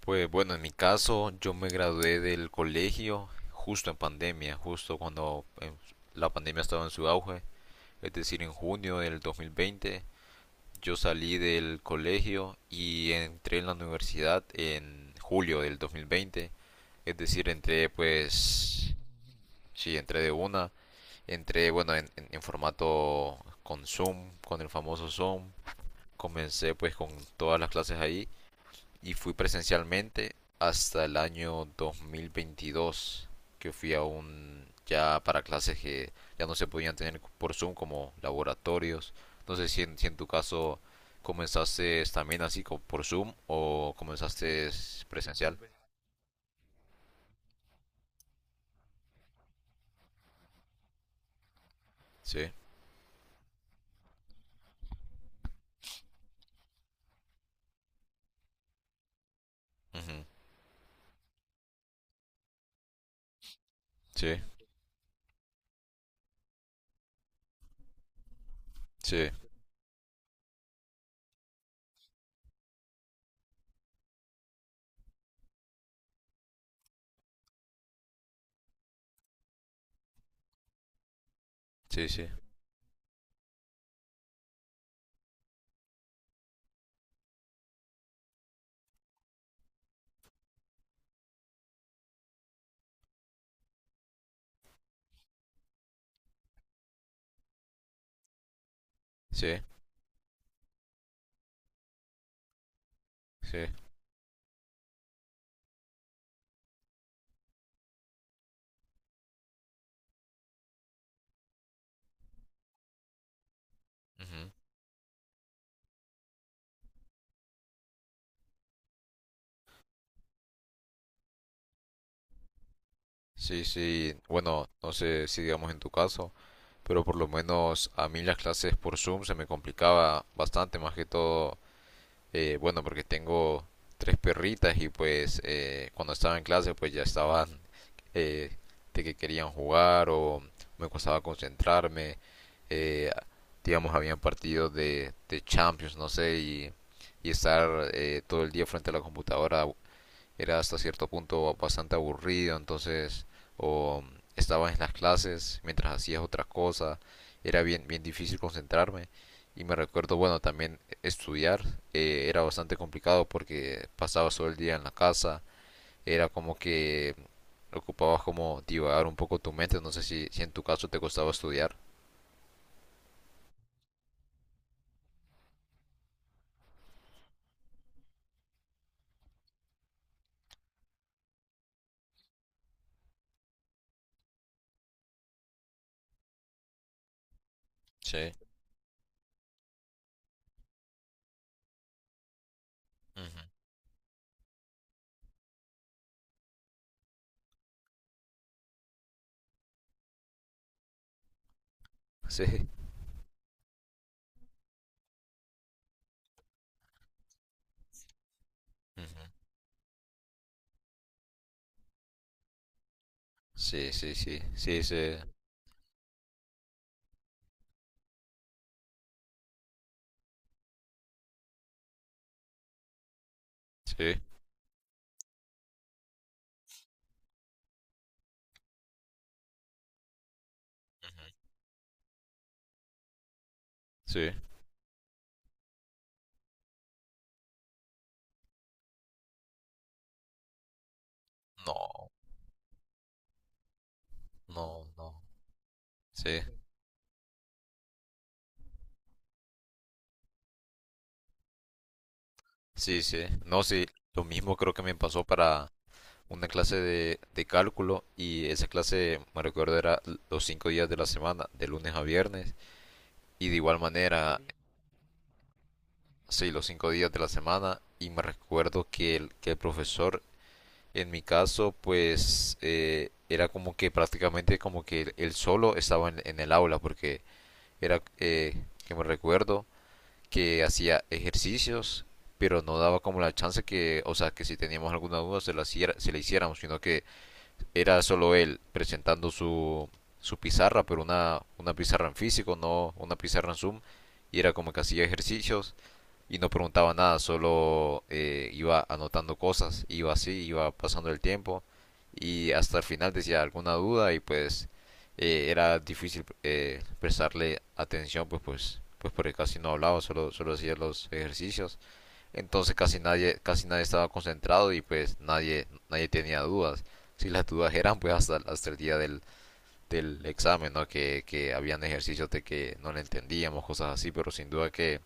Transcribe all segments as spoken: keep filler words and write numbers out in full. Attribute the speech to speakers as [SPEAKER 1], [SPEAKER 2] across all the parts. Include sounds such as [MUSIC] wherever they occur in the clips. [SPEAKER 1] Pues bueno, en mi caso yo me gradué del colegio justo en pandemia, justo cuando em, la pandemia estaba en su auge, es decir, en junio del dos mil veinte yo salí del colegio y entré en la universidad en julio del dos mil veinte, es decir, entré pues, sí, entré de una, entré bueno en, en- en formato con Zoom, con el famoso Zoom, comencé pues con todas las clases ahí y fui presencialmente hasta el año dos mil veintidós que fui a un ya para clases que ya no se podían tener por Zoom como laboratorios. No sé si en, si en tu caso comenzaste también así co- por Zoom o comenzaste presencial. Sí, ujú, sí, sí, sí, sí, sí, sí. Ujú. Sí, sí, bueno, no sé si digamos en tu caso, pero por lo menos a mí las clases por Zoom se me complicaba bastante, más que todo. Eh, bueno, porque tengo tres perritas y pues eh, cuando estaba en clase pues ya estaban, eh, de que querían jugar o me costaba concentrarme. eh, digamos, habían partidos de, de Champions, no sé, y y estar eh, todo el día frente a la computadora era hasta cierto punto bastante aburrido, entonces o estabas en las clases mientras hacías otras cosas, era bien, bien difícil concentrarme. Y me recuerdo, bueno, también estudiar eh, era bastante complicado porque pasabas todo el día en la casa, era como que ocupabas como divagar un poco tu mente. No sé si, si en tu caso te costaba estudiar. Sí. Ujú. Sí. Ujú. sí, sí, sí, sí, sí, sí, Ujú. Sí. No, no, no. Sí. Sí, sí. No, sí. Lo mismo creo que me pasó para una clase de, de cálculo, y esa clase, me recuerdo, era los cinco días de la semana, de lunes a viernes. Y de igual manera, sí, los cinco días de la semana. Y me recuerdo que el, que el profesor, en mi caso, pues eh, era como que prácticamente como que él, él solo estaba en, en el aula porque era, eh, que me recuerdo que hacía ejercicios, pero no daba como la chance que, o sea, que si teníamos alguna duda se la, hiciera- se la hiciéramos, sino que era solo él presentando su, su pizarra, pero una, una pizarra en físico, no una pizarra en Zoom, y era como que hacía ejercicios y no preguntaba nada, solo eh, iba anotando cosas, iba así, iba pasando el tiempo y hasta el final decía alguna duda, y pues eh, era difícil eh, prestarle atención, pues pues pues porque casi no hablaba, solo, solo hacía los ejercicios, entonces casi nadie, casi nadie estaba concentrado y pues nadie, nadie tenía dudas. Si las dudas eran pues hasta, hasta el día del, del examen, ¿no? Que, que habían ejercicios de que no le entendíamos, cosas así, pero sin duda que,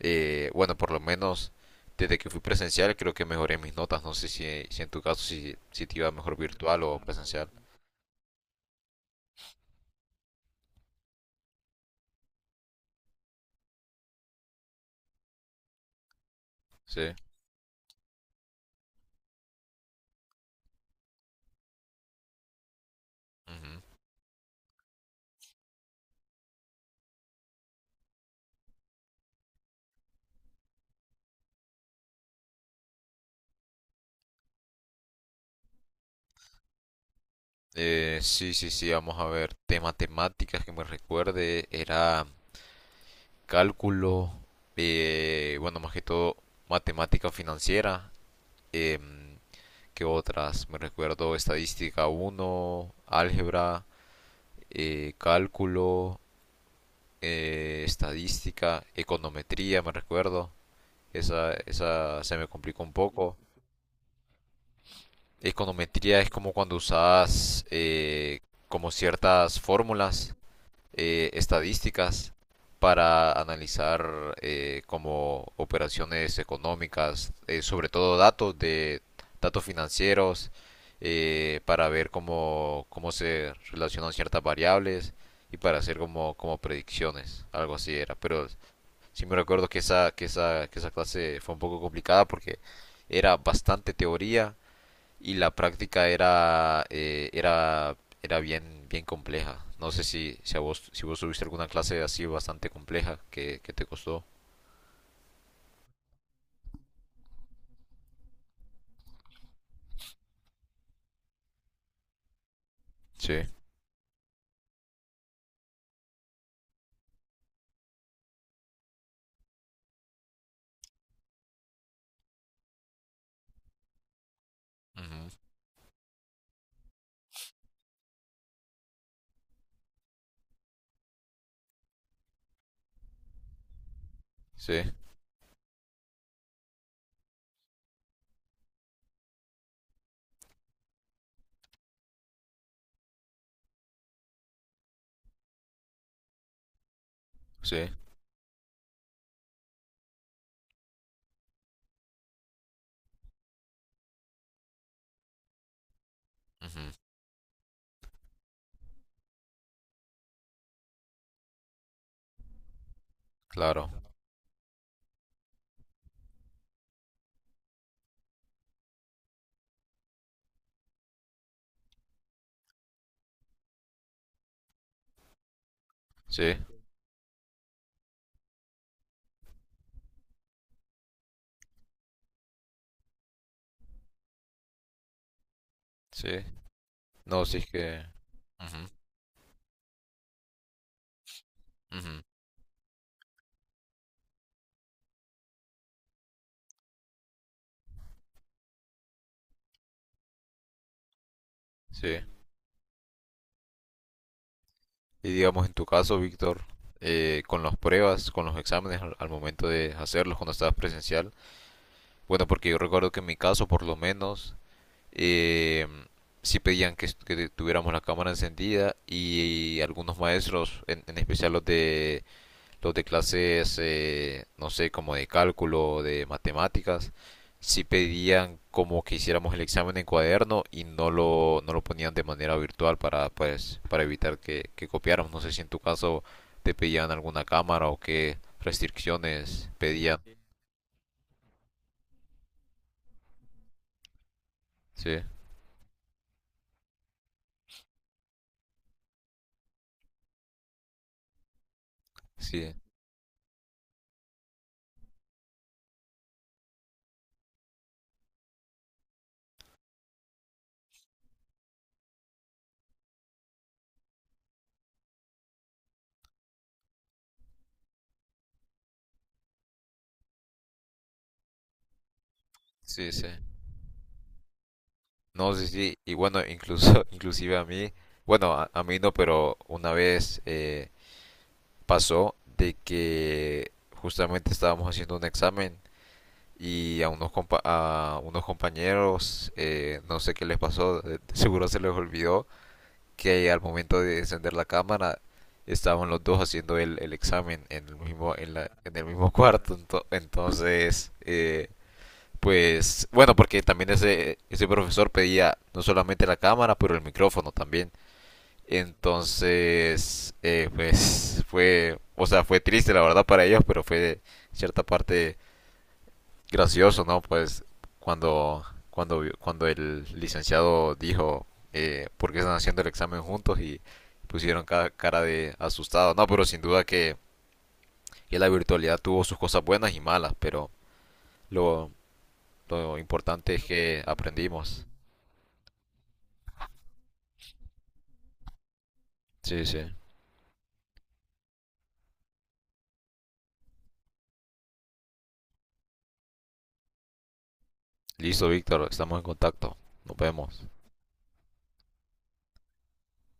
[SPEAKER 1] eh, bueno, por lo menos desde que fui presencial creo que mejoré mis notas. No sé si, si en tu caso si, si te iba mejor virtual o presencial. Sí. Ujú. Eh, sí, sí, sí, vamos a ver. De matemáticas que me recuerde era cálculo, eh, bueno, más que todo matemática financiera. em, ¿Qué otras? Me recuerdo estadística uno, álgebra, eh, cálculo, eh, estadística, econometría, me recuerdo. Esa, esa se me complicó un poco. Econometría es como cuando usas, eh, como ciertas fórmulas eh, estadísticas, para analizar, eh, como operaciones económicas, eh, sobre todo datos de datos financieros, eh, para ver cómo, cómo se relacionan ciertas variables y para hacer como, como predicciones, algo así era. Pero sí me recuerdo que esa, que esa, que esa clase fue un poco complicada porque era bastante teoría y la práctica era, eh, era, era bien, bien compleja. No sé si, si a vos, si vos tuviste alguna clase así bastante compleja que, que te costó. Sí. Ujú. Sí, sí. Ujú. Claro. Sí, sí. No, sí es que... Ujú, ujú. Sí. Y digamos en tu caso, Víctor, eh, con las pruebas, con los exámenes al, al momento de hacerlos cuando estabas presencial. Bueno, porque yo recuerdo que en mi caso, por lo menos, eh, sí pedían que, est- que tuviéramos la cámara encendida, y algunos maestros, en, en especial los de, los de clases, eh, no sé, como de cálculo, de matemáticas, sí pedían como que hiciéramos el examen en cuaderno y no lo, no lo ponían de manera virtual para, pues, para evitar que, que copiáramos. No sé si en tu caso te pedían alguna cámara o qué restricciones pedían. Sí, sí, sí, sí. No, sí, sí, y bueno, incluso, [LAUGHS] inclusive a mí, bueno, a, a mí no, pero una vez eh, pasó de que justamente estábamos haciendo un examen y a unos, compa- a unos compañeros, eh, no sé qué les pasó, de- de seguro se les olvidó que al momento de encender la cámara estaban los dos haciendo el, el examen en el mismo, en la- en el mismo [LAUGHS] cuarto, ento- entonces... eh, pues bueno, porque también ese, ese profesor pedía no solamente la cámara, pero el micrófono también. Entonces, eh, pues fue, o sea, fue triste la verdad para ellos, pero fue de cierta parte gracioso, ¿no? Pues cuando, cuando, cuando el licenciado dijo, eh, ¿por qué están haciendo el examen juntos? Y pusieron ca- cara de asustado. No, pero sin duda que, que la virtualidad tuvo sus cosas buenas y malas, pero lo, lo importante es que aprendimos. Sí, sí. Listo, Víctor, estamos en contacto. Nos vemos.